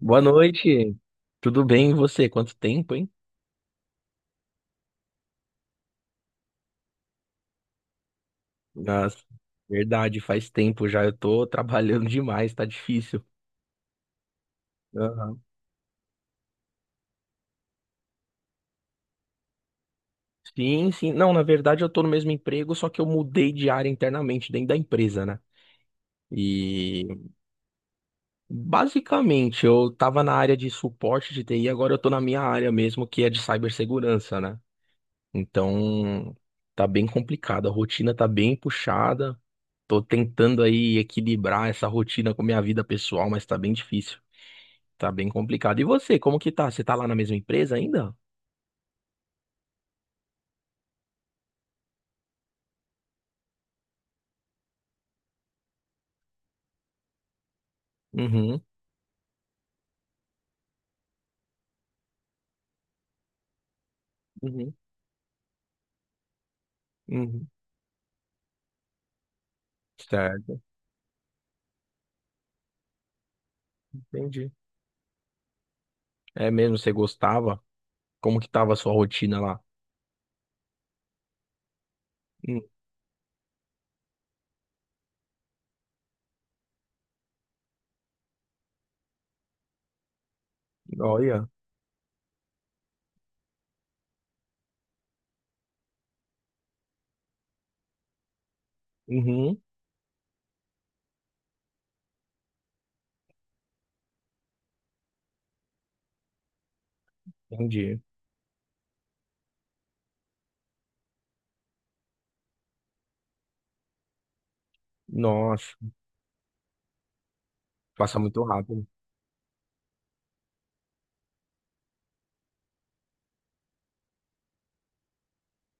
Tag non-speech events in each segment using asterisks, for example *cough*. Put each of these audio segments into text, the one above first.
Boa noite. Tudo bem e você? Quanto tempo, hein? Nossa, verdade, faz tempo já. Eu tô trabalhando *laughs* demais, tá difícil. Aham. Sim, sim. Não, na verdade eu tô no mesmo emprego, só que eu mudei de área internamente dentro da empresa, né? E basicamente eu tava na área de suporte de TI, agora eu tô na minha área mesmo, que é de cibersegurança, né? Então, tá bem complicado. A rotina tá bem puxada. Tô tentando aí equilibrar essa rotina com minha vida pessoal, mas tá bem difícil. Tá bem complicado. E você, como que tá? Você tá lá na mesma empresa ainda? Uhum, uhum, uhum. Certo, entendi. É mesmo, você gostava? Como que tava a sua rotina lá? Hum, olha. Uhum, entendi. Nossa, passa muito rápido.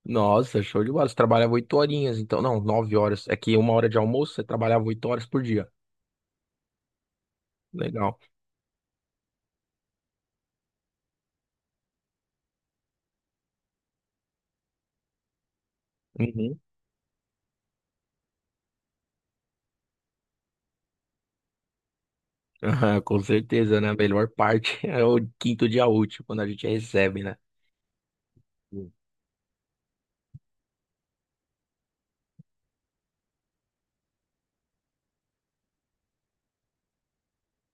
Nossa, show de bola. Você trabalhava 8 horinhas, então. Não, 9 horas. É que uma hora de almoço, você trabalhava 8 horas por dia. Legal. Uhum. *laughs* Com certeza, né? A melhor parte *laughs* é o quinto dia útil, quando a gente recebe, né? Sim.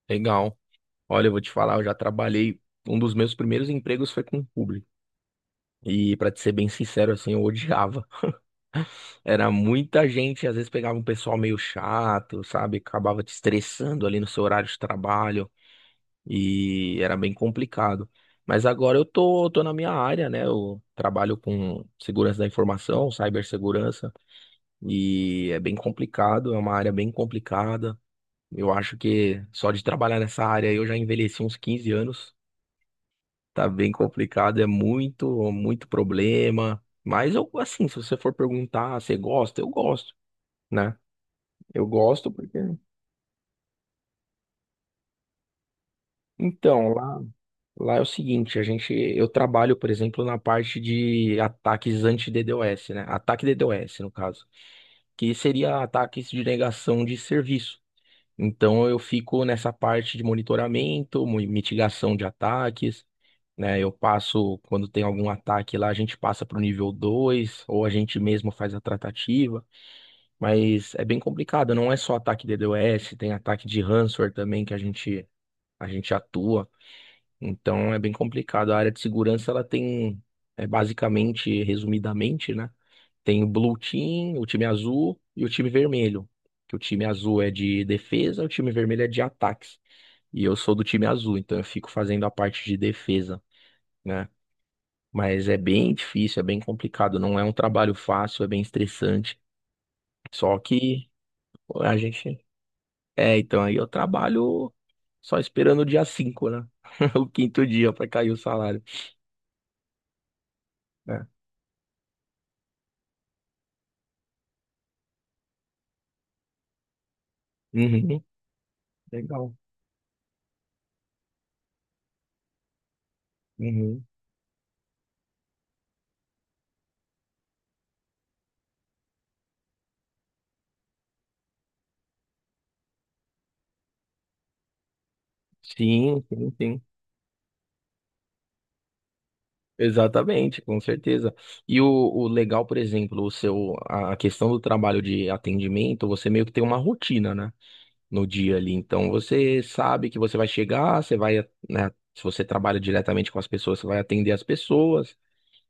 Legal. Olha, eu vou te falar, eu já trabalhei. Um dos meus primeiros empregos foi com o público. E pra te ser bem sincero, assim, eu odiava. Era muita gente, às vezes pegava um pessoal meio chato, sabe? Acabava te estressando ali no seu horário de trabalho e era bem complicado. Mas agora eu tô, na minha área, né? Eu trabalho com segurança da informação, cibersegurança. E é bem complicado, é uma área bem complicada. Eu acho que só de trabalhar nessa área eu já envelheci uns 15 anos. Tá bem complicado, é muito, muito problema. Mas eu, assim, se você for perguntar, você gosta? Eu gosto, né? Eu gosto porque. Então, lá é o seguinte, a gente, eu trabalho, por exemplo, na parte de ataques anti-DDoS, né? Ataque DDoS, no caso, que seria ataques de negação de serviço. Então eu fico nessa parte de monitoramento, mitigação de ataques, né? Eu passo, quando tem algum ataque lá, a gente passa para o nível 2 ou a gente mesmo faz a tratativa, mas é bem complicado, não é só ataque de DDoS, tem ataque de ransomware também que a gente atua. Então é bem complicado. A área de segurança ela tem, basicamente, resumidamente, né? Tem o Blue Team, o time azul e o time vermelho. Que o time azul é de defesa, o time vermelho é de ataques. E eu sou do time azul, então eu fico fazendo a parte de defesa, né? Mas é bem difícil, é bem complicado. Não é um trabalho fácil, é bem estressante. Só que pô, a gente. É, então aí eu trabalho só esperando o dia 5, né? *laughs* O quinto dia para cair o salário. Né? Uhum. Legal. Uhum. Sim, sim, sim. Exatamente, com certeza. E o, legal, por exemplo, o seu, a questão do trabalho de atendimento, você meio que tem uma rotina, né? No dia ali. Então você sabe que você vai chegar, você vai, né? Se você trabalha diretamente com as pessoas, você vai atender as pessoas.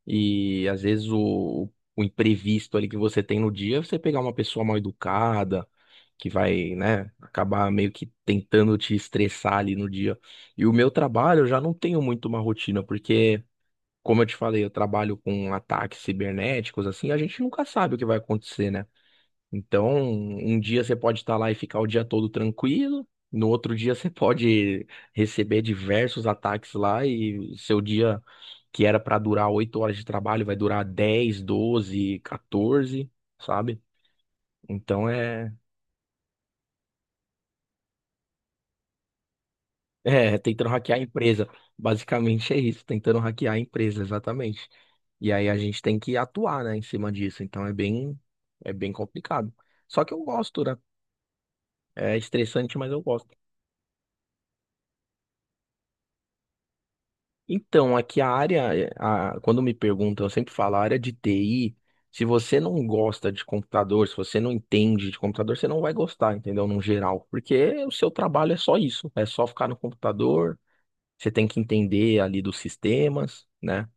E às vezes o imprevisto ali que você tem no dia, é você pegar uma pessoa mal educada, que vai, né, acabar meio que tentando te estressar ali no dia. E o meu trabalho, eu já não tenho muito uma rotina, porque, como eu te falei, eu trabalho com ataques cibernéticos, assim, a gente nunca sabe o que vai acontecer, né? Então, um dia você pode estar lá e ficar o dia todo tranquilo, no outro dia você *laughs* pode receber diversos ataques lá e seu dia que era para durar 8 horas de trabalho vai durar 10 12 14, sabe? Então é, *laughs* é tentando hackear a empresa. Basicamente é isso, tentando hackear a empresa, exatamente. E aí a gente tem que atuar, né, em cima disso. Então é bem complicado. Só que eu gosto, né? É estressante, mas eu gosto. Então, aqui a área, quando me perguntam, eu sempre falo, a área de TI, se você não gosta de computador, se você não entende de computador, você não vai gostar, entendeu? No geral, porque o seu trabalho é só isso, é só ficar no computador, você tem que entender ali dos sistemas, né?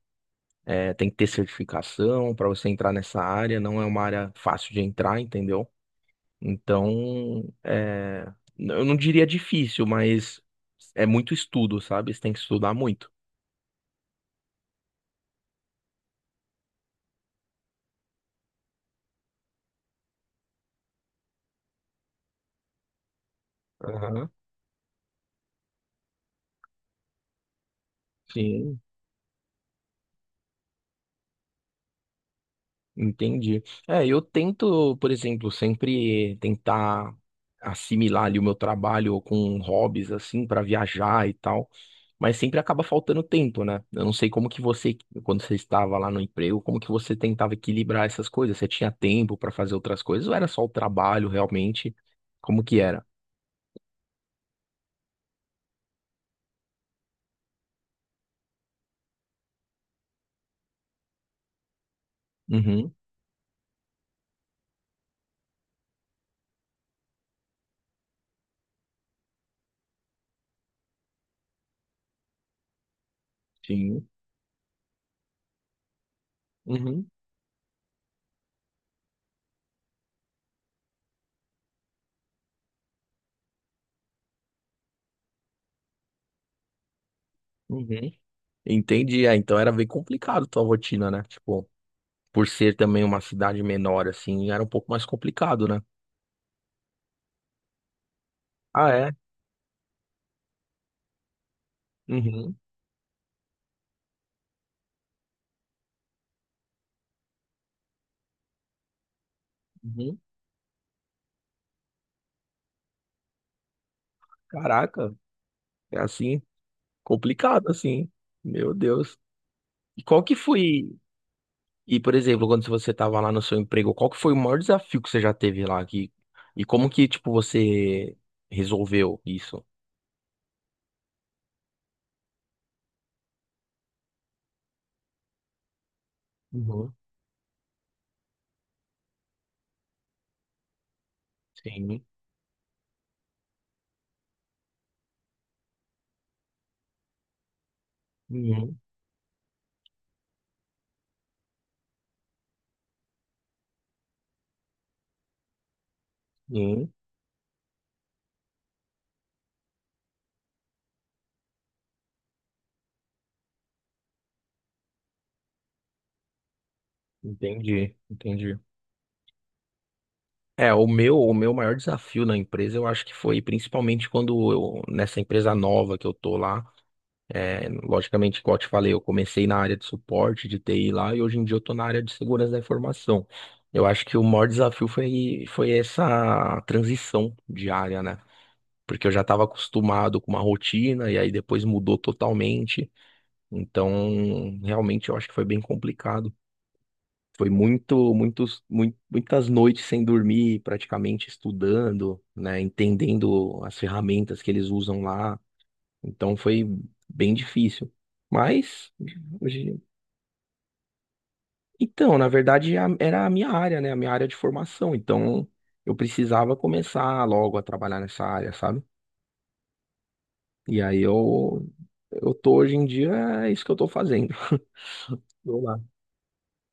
É, tem que ter certificação para você entrar nessa área, não é uma área fácil de entrar, entendeu? Então, eu não diria difícil, mas é muito estudo, sabe? Você tem que estudar muito. Aham, sim. Entendi. É, eu tento, por exemplo, sempre tentar assimilar ali o meu trabalho com hobbies assim para viajar e tal, mas sempre acaba faltando tempo, né? Eu não sei como que você, quando você estava lá no emprego, como que você tentava equilibrar essas coisas? Você tinha tempo para fazer outras coisas ou era só o trabalho realmente? Como que era? Uhum, sim. Uhum, uhum. Entendi. É, então era bem complicado a tua rotina, né? Tipo, por ser também uma cidade menor assim, era um pouco mais complicado, né? Ah, é? Uhum, uhum. Caraca, é assim, complicado assim. Meu Deus. E qual que foi, e por exemplo, quando você estava lá no seu emprego, qual que foi o maior desafio que você já teve lá aqui? E como que, tipo, você resolveu isso? Uhum. Sim. Uhum. Sim. Entendi, entendi. É, o meu, maior desafio na empresa, eu acho que foi principalmente quando eu, nessa empresa nova que eu tô lá, é, logicamente, igual eu te falei, eu comecei na área de suporte de TI lá e hoje em dia eu tô na área de segurança da informação. Eu acho que o maior desafio foi, essa transição de área, né? Porque eu já estava acostumado com uma rotina e aí depois mudou totalmente. Então, realmente eu acho que foi bem complicado. Foi muitas noites sem dormir, praticamente estudando, né? Entendendo as ferramentas que eles usam lá. Então foi bem difícil. Mas, hoje- então, na verdade, era a minha área, né? A minha área de formação. Então, eu precisava começar logo a trabalhar nessa área, sabe? E aí eu tô hoje em dia, é isso que eu tô fazendo. *laughs* Tô lá.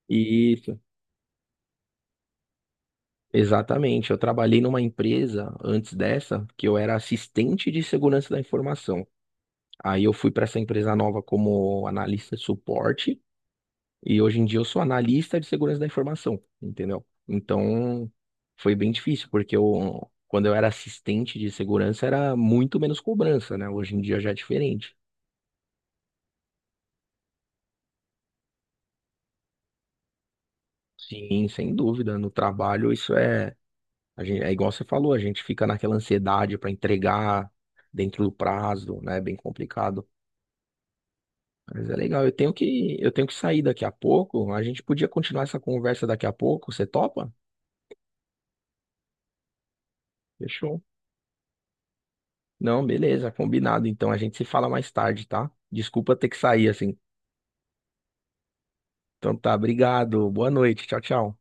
Isso, exatamente. Eu trabalhei numa empresa antes dessa, que eu era assistente de segurança da informação. Aí eu fui para essa empresa nova como analista de suporte. E hoje em dia eu sou analista de segurança da informação, entendeu? Então foi bem difícil, porque eu, quando eu era assistente de segurança era muito menos cobrança, né? Hoje em dia já é diferente. Sim, sem dúvida. No trabalho isso é, a gente, é igual você falou, a gente fica naquela ansiedade para entregar dentro do prazo, né? É bem complicado. Mas é legal. Eu tenho que sair daqui a pouco. A gente podia continuar essa conversa daqui a pouco. Você topa? Fechou. Não, beleza, combinado. Então a gente se fala mais tarde, tá? Desculpa ter que sair assim. Então tá, obrigado. Boa noite. Tchau, tchau.